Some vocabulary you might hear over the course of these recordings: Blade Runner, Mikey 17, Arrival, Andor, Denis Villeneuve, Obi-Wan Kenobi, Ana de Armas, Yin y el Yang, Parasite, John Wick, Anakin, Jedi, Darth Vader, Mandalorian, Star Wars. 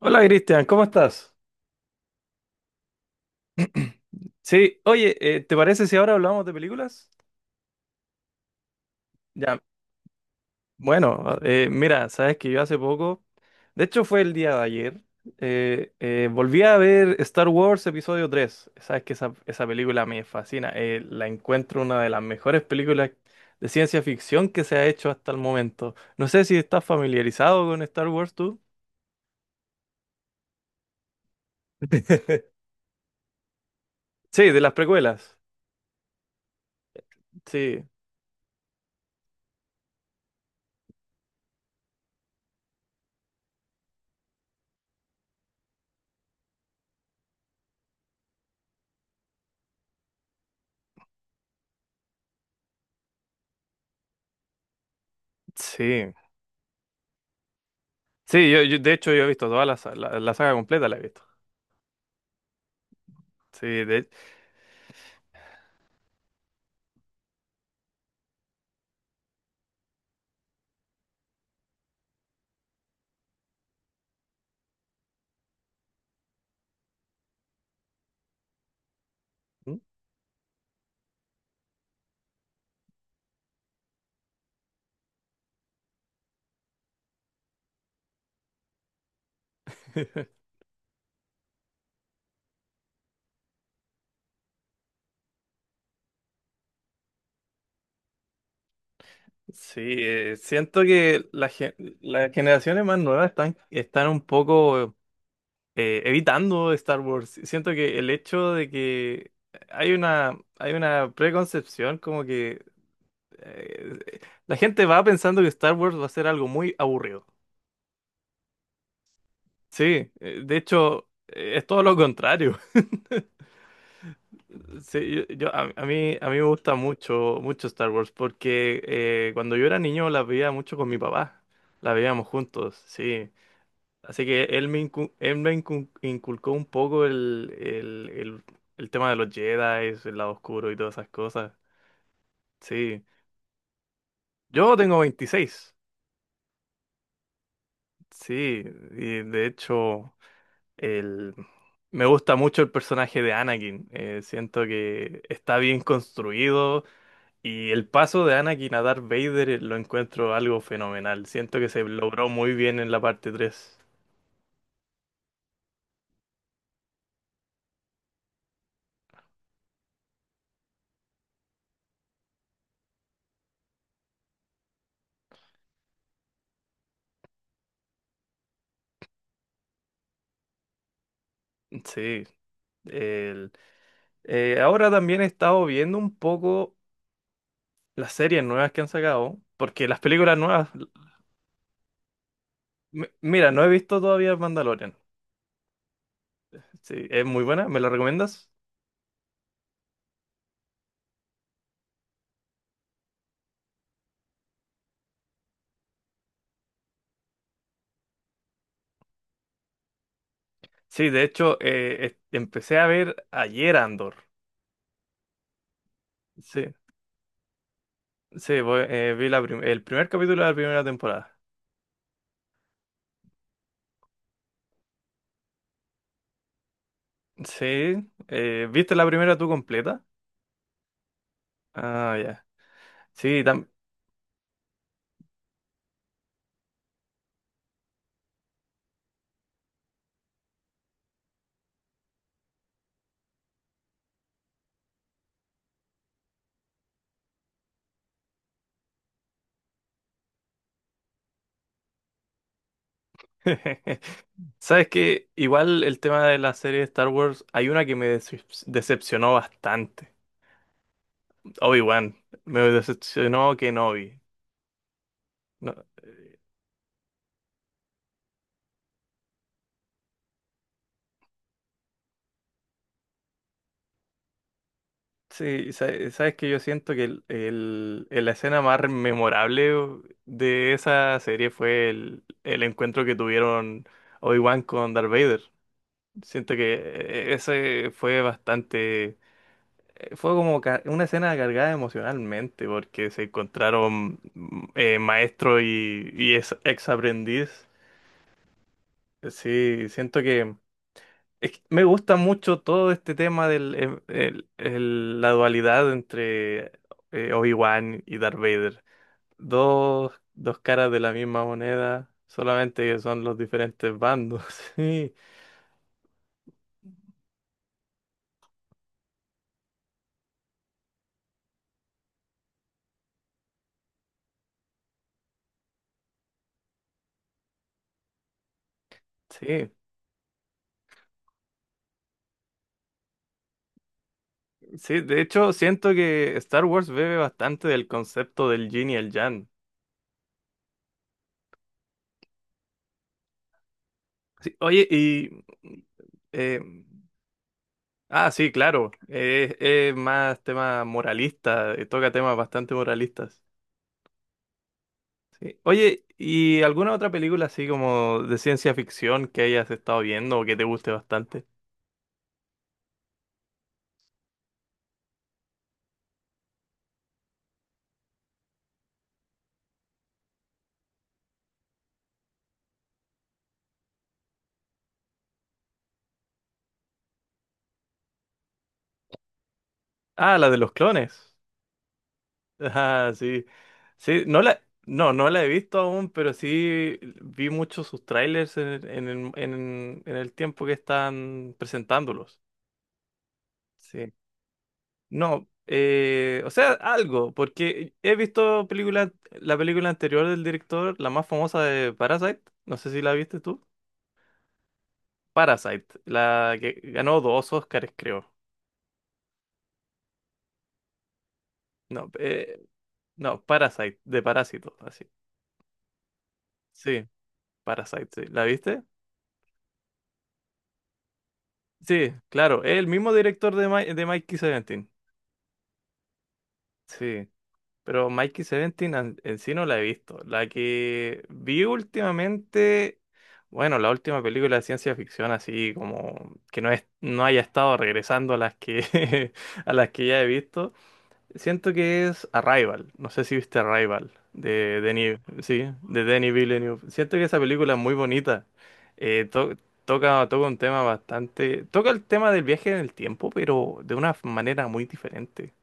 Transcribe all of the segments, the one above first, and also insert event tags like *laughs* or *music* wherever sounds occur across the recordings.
Hola, Cristian, ¿cómo estás? Sí, oye, ¿te parece si ahora hablamos de películas? Ya, bueno, mira, sabes que yo hace poco, de hecho fue el día de ayer, volví a ver Star Wars Episodio tres. Sabes que esa película me fascina, la encuentro una de las mejores películas de ciencia ficción que se ha hecho hasta el momento. No sé si estás familiarizado con Star Wars tú. Sí, de las precuelas. Sí, sí. Sí, de hecho yo he visto toda la saga completa, la he visto. Sí, de, ¿Mm? *laughs* Sí, siento que las generaciones más nuevas están un poco evitando Star Wars. Siento que el hecho de que hay una preconcepción como que eh, la gente va pensando que Star Wars va a ser algo muy aburrido. Sí, de hecho, es todo lo contrario. *laughs* Sí, a mí me gusta mucho, mucho Star Wars porque cuando yo era niño la veía mucho con mi papá. La veíamos juntos, sí. Así que inculcó un poco el tema de los Jedi, el lado oscuro y todas esas cosas. Sí, yo tengo 26. Sí, y de hecho, el, me gusta mucho el personaje de Anakin. Siento que está bien construido y el paso de Anakin a Darth Vader lo encuentro algo fenomenal. Siento que se logró muy bien en la parte tres. Sí, el. Ahora también he estado viendo un poco las series nuevas que han sacado, porque las películas nuevas, mira, no he visto todavía Mandalorian. Sí, es muy buena, ¿me la recomiendas? Sí, de hecho, empecé a ver ayer Andor. Sí, sí, vi el primer capítulo de la primera temporada. Sí, ¿viste la primera tú completa? Ah, ya. Sí, también. *laughs* Sabes que igual el tema de la serie de Star Wars, hay una que me decepcionó bastante. Obi-Wan. Me decepcionó Kenobi. Sí, sabes que yo siento que la escena más memorable de esa serie fue el encuentro que tuvieron Obi-Wan con Darth Vader. Siento que ese fue bastante, fue como una escena cargada emocionalmente porque se encontraron maestro y ex, ex aprendiz. Sí, siento que Es que me gusta mucho todo este tema del em- el- la dualidad entre Obi-Wan y Darth Vader. Dos caras de la misma moneda, solamente que son los diferentes bandos. *laughs* Sí, sí, sí. De hecho, siento que Star Wars bebe bastante del concepto del Yin y el Yang. Sí, oye, y... eh, sí, claro. Es más tema moralista, toca temas bastante moralistas. Oye, ¿y alguna otra película así como de ciencia ficción que hayas estado viendo o que te guste bastante? Ah, la de los clones. *laughs* Ah, sí. Sí, no la, no, no la he visto aún, pero sí vi muchos sus trailers en el tiempo que están presentándolos. Sí. No, o sea, algo, porque he visto película, la película anterior del director, la más famosa, de Parasite. No sé si la viste tú. Parasite, la que ganó dos Oscars, creo. No, no, Parasite, de Parásito, así. Sí, Parasite, sí. ¿La viste? Sí, claro, es el mismo director de, de Mikey 17. Sí, pero Mikey 17 en sí no la he visto. La que vi últimamente, bueno, la última película de ciencia ficción así como que no es, no haya estado regresando a las que *laughs* a las que ya he visto. Siento que es Arrival. No sé si viste Arrival de Denis, sí, de Denis Villeneuve. Siento que esa película es muy bonita. Eh, to- toca, toca un tema bastante. Toca el tema del viaje en el tiempo, pero de una manera muy diferente.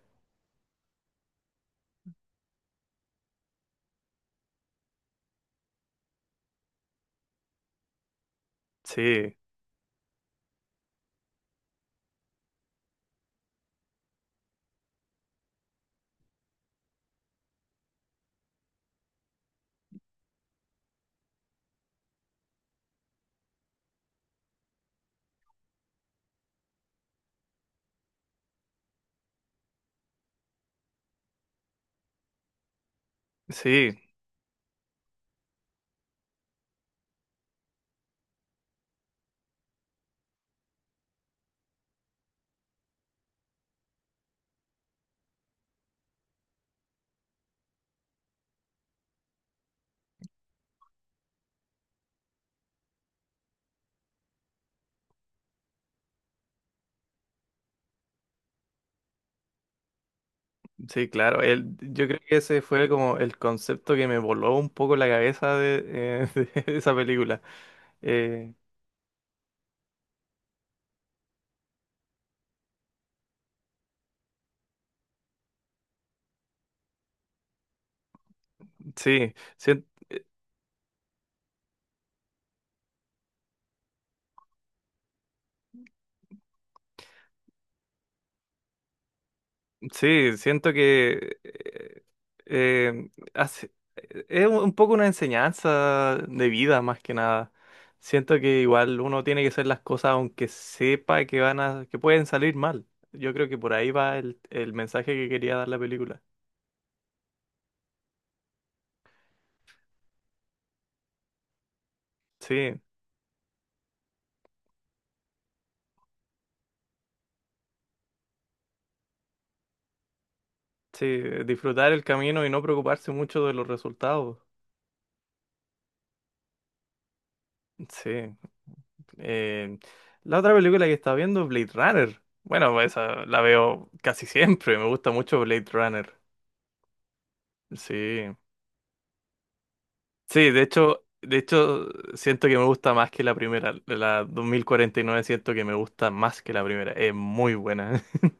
Sí, sí, sí, claro. Yo creo que ese fue como el concepto que me voló un poco la cabeza de, *laughs* de esa película. Eh, sí, siento Sí, siento que eh, hace- es un poco una enseñanza de vida más que nada. Siento que igual uno tiene que hacer las cosas aunque sepa que van a, que pueden salir mal. Yo creo que por ahí va el mensaje que quería dar la película. Sí, sí, disfrutar el camino y no preocuparse mucho de los resultados. Sí. eh, la otra película que estaba viendo es Blade Runner. Bueno, esa la veo casi siempre. Me gusta mucho Blade Runner. Sí. Sí, de hecho, siento que me gusta más que la primera. La 2049 siento que me gusta más que la primera. Es muy buena. *laughs*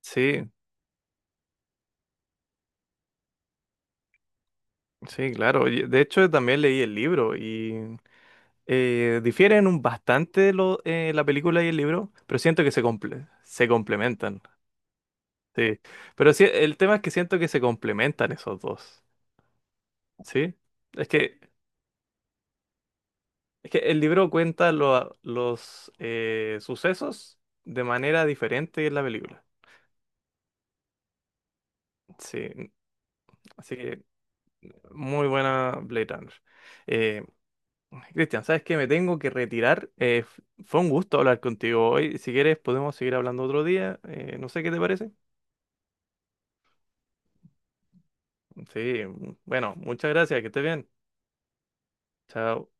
Sí, sí, claro. Y de hecho, también leí el libro y difieren un bastante lo, la película y el libro, pero siento que se complementan. Sí, pero sí, el tema es que siento que se complementan esos dos. Sí, es que, es que el libro cuenta los sucesos de manera diferente en la película. Sí, así que muy buena Blade Runner. Eh, Cristian, ¿sabes qué? Me tengo que retirar. Fue un gusto hablar contigo hoy. Si quieres, podemos seguir hablando otro día. No sé qué te parece. Sí, bueno, muchas gracias. Que estés bien. Chao.